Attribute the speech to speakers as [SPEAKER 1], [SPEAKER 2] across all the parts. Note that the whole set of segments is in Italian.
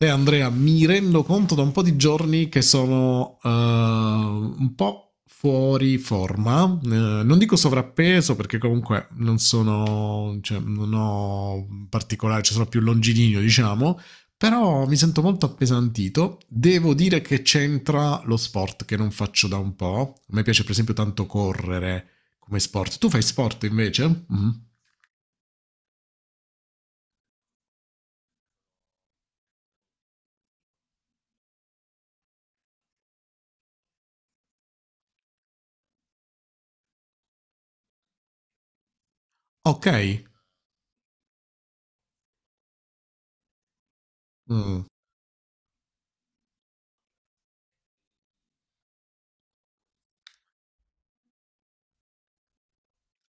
[SPEAKER 1] Sai Andrea, mi rendo conto da un po' di giorni che sono un po' fuori forma. Non dico sovrappeso perché comunque non sono, cioè, non ho particolare, cioè sono più longilineo diciamo, però mi sento molto appesantito. Devo dire che c'entra lo sport che non faccio da un po'. A me piace per esempio tanto correre come sport. Tu fai sport invece? Mhm. Ok. Mm.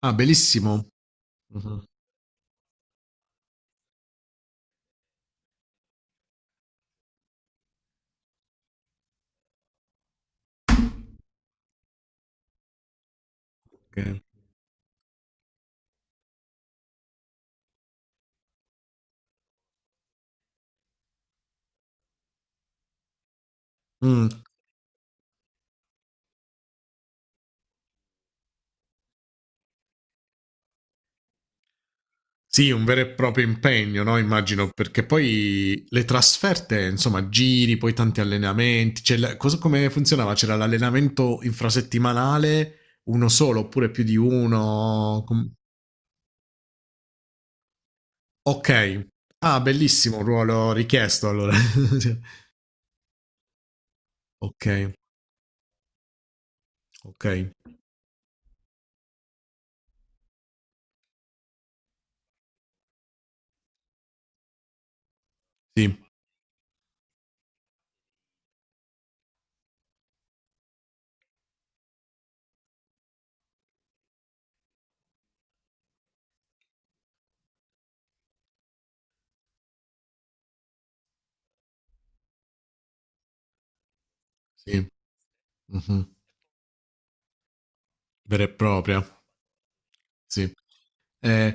[SPEAKER 1] Ah, bellissimo. Mhm. Ok. Mm. Sì, un vero e proprio impegno, no? Immagino, perché poi le trasferte, insomma, giri, poi tanti allenamenti. Cioè, cosa, come funzionava? C'era l'allenamento infrasettimanale, uno solo oppure più di uno? Ok. Ah, bellissimo ruolo richiesto allora. Cioè, ok, ok. Sì, sì. Mhm. Vera e propria. Sì. Eh,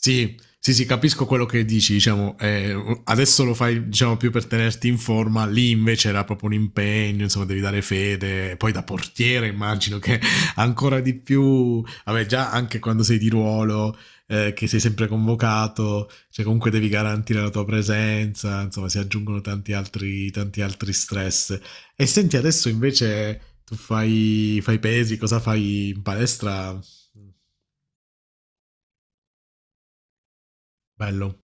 [SPEAKER 1] Sì, sì, sì, capisco quello che dici, diciamo, adesso lo fai, diciamo, più per tenerti in forma. Lì invece era proprio un impegno, insomma, devi dare fede. Poi da portiere immagino che ancora di più, vabbè, già anche quando sei di ruolo, che sei sempre convocato, cioè comunque devi garantire la tua presenza, insomma, si aggiungono tanti altri stress. E senti, adesso invece tu fai pesi. Cosa fai in palestra? Bello,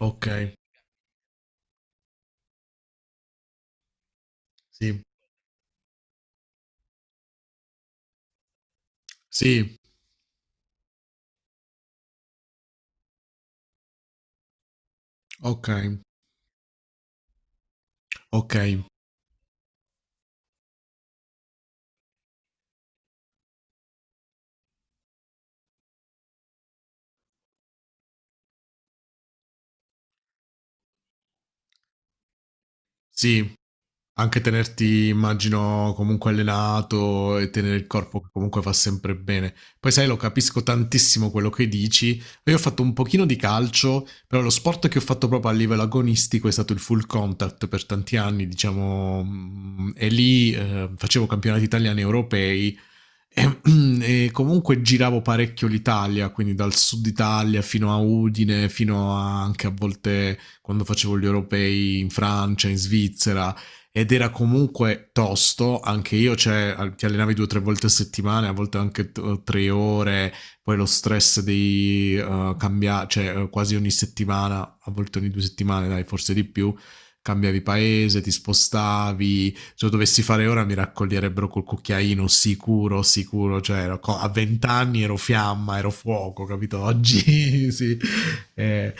[SPEAKER 1] ok. Sì, sì, okay, okay, sì. Anche tenerti immagino comunque allenato e tenere il corpo che comunque fa sempre bene. Poi sai lo capisco tantissimo quello che dici. Io ho fatto un pochino di calcio, però lo sport che ho fatto proprio a livello agonistico è stato il full contact per tanti anni, diciamo, e lì, facevo campionati italiani, e europei. E, e comunque giravo parecchio l'Italia, quindi dal sud Italia fino a Udine, anche a volte quando facevo gli europei in Francia, in Svizzera, ed era comunque tosto, anche io, cioè ti allenavi due o tre volte a settimana, a volte anche 3 ore. Poi lo stress di cambiare, cioè quasi ogni settimana, a volte ogni 2 settimane, dai, forse di più, cambiavi paese, ti spostavi. Se lo dovessi fare ora mi raccoglierebbero col cucchiaino, sicuro, sicuro. Cioè ero, a 20 anni ero fiamma, ero fuoco, capito? Oggi sì. Eh,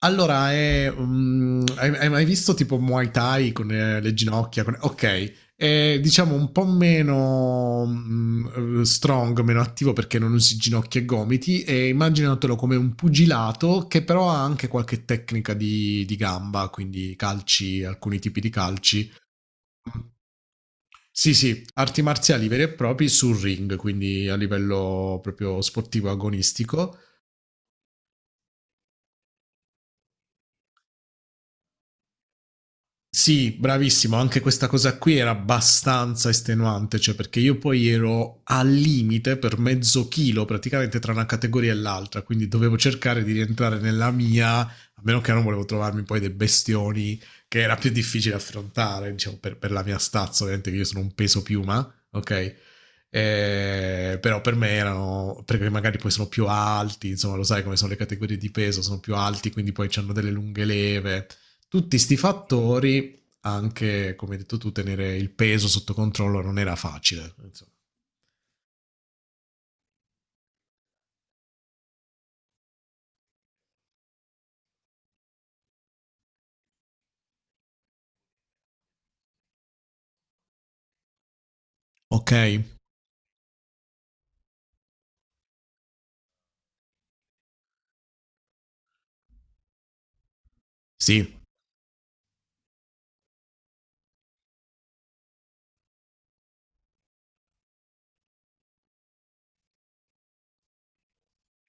[SPEAKER 1] allora, hai mai visto tipo Muay Thai con le ginocchia? Con, ok, è, diciamo un po' meno strong, meno attivo perché non usi ginocchia e gomiti e immaginatelo come un pugilato che però ha anche qualche tecnica di gamba, quindi calci, alcuni tipi di calci. Sì, sì, arti marziali veri e propri sul ring, quindi a livello proprio sportivo agonistico. Sì, bravissimo, anche questa cosa qui era abbastanza estenuante, cioè perché io poi ero al limite per mezzo chilo praticamente tra una categoria e l'altra, quindi dovevo cercare di rientrare nella mia, a meno che non volevo trovarmi poi dei bestioni che era più difficile affrontare, diciamo, per la mia stazza, ovviamente che io sono un peso piuma, ok? Però per me erano perché magari poi sono più alti, insomma, lo sai come sono le categorie di peso, sono più alti, quindi poi hanno delle lunghe leve. Tutti sti fattori anche, come hai detto tu, tenere il peso sotto controllo non era facile, insomma. Ok, sì,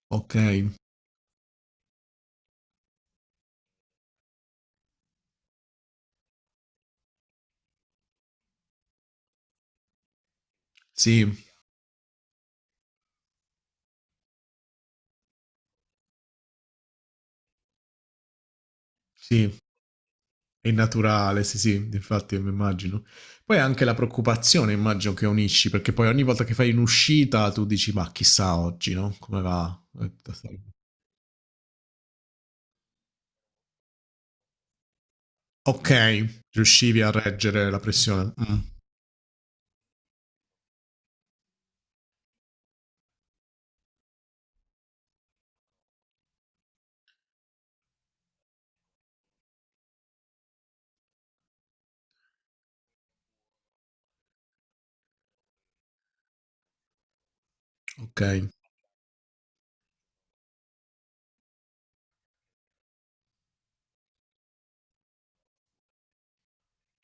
[SPEAKER 1] ok, sì, sì, è naturale, sì, sì, infatti mi immagino. Poi anche la preoccupazione immagino che unisci, perché poi ogni volta che fai un'uscita tu dici ma chissà oggi, no? Come va? Ok, riuscivi a reggere la pressione. Mm, ok,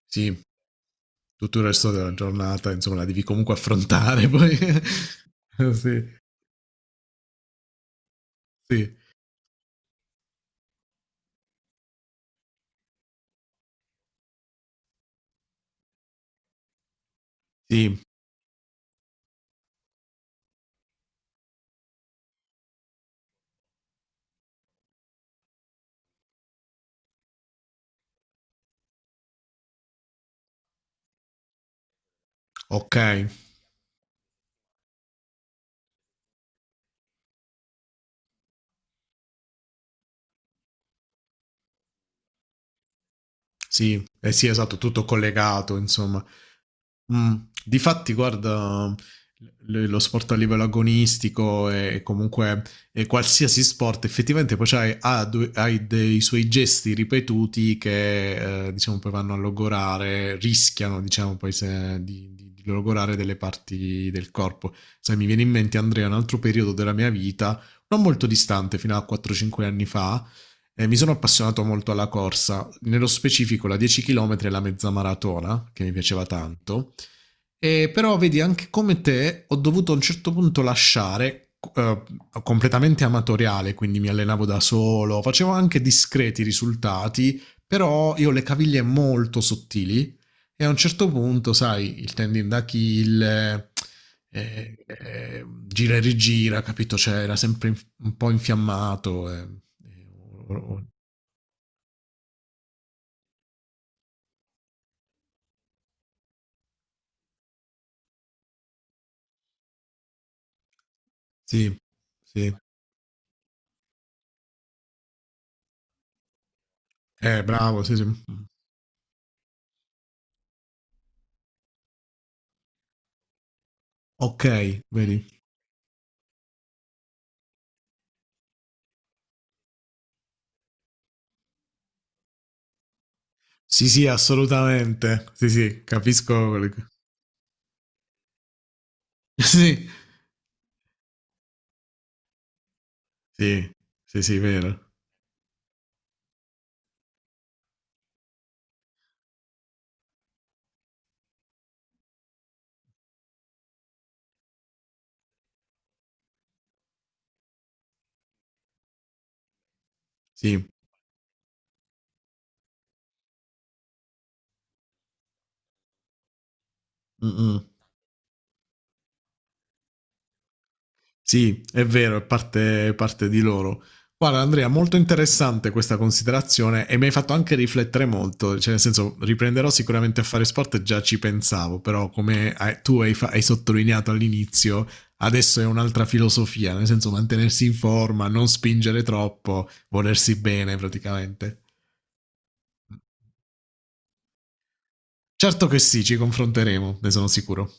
[SPEAKER 1] sì, tutto il resto della giornata, insomma, la devi comunque affrontare poi. Sì, sì, sì. Ok, sì, eh sì, esatto, tutto collegato, insomma. Mm. Difatti, guarda, lo sport a livello agonistico e comunque e qualsiasi sport, effettivamente poi c'hai, hai dei suoi gesti ripetuti che, diciamo, poi vanno a logorare, rischiano, diciamo, poi di logorare delle parti del corpo. Sai, mi viene in mente, Andrea, un altro periodo della mia vita, non molto distante, fino a 4-5 anni fa. Mi sono appassionato molto alla corsa, nello specifico la 10 km e la mezza maratona, che mi piaceva tanto. E però vedi, anche come te, ho dovuto a un certo punto lasciare, completamente amatoriale, quindi mi allenavo da solo, facevo anche discreti risultati, però io ho le caviglie molto sottili. E a un certo punto, sai, il tendine d'Achille, gira e rigira, capito? Cioè, era sempre un po' infiammato. Eh, o- o- sì, sì. Bravo, sì, sì. Ok, vedi. Sì, sì, assolutamente. Sì, sì, capisco. Sì, sì, sì, sì, vero. Sì. Mm-mm. Sì, è vero, è parte di loro. Guarda Andrea, molto interessante questa considerazione e mi hai fatto anche riflettere molto, cioè nel senso riprenderò sicuramente a fare sport, già ci pensavo, però come hai sottolineato all'inizio, adesso è un'altra filosofia, nel senso mantenersi in forma, non spingere troppo, volersi bene praticamente. Certo che sì, ci confronteremo, ne sono sicuro.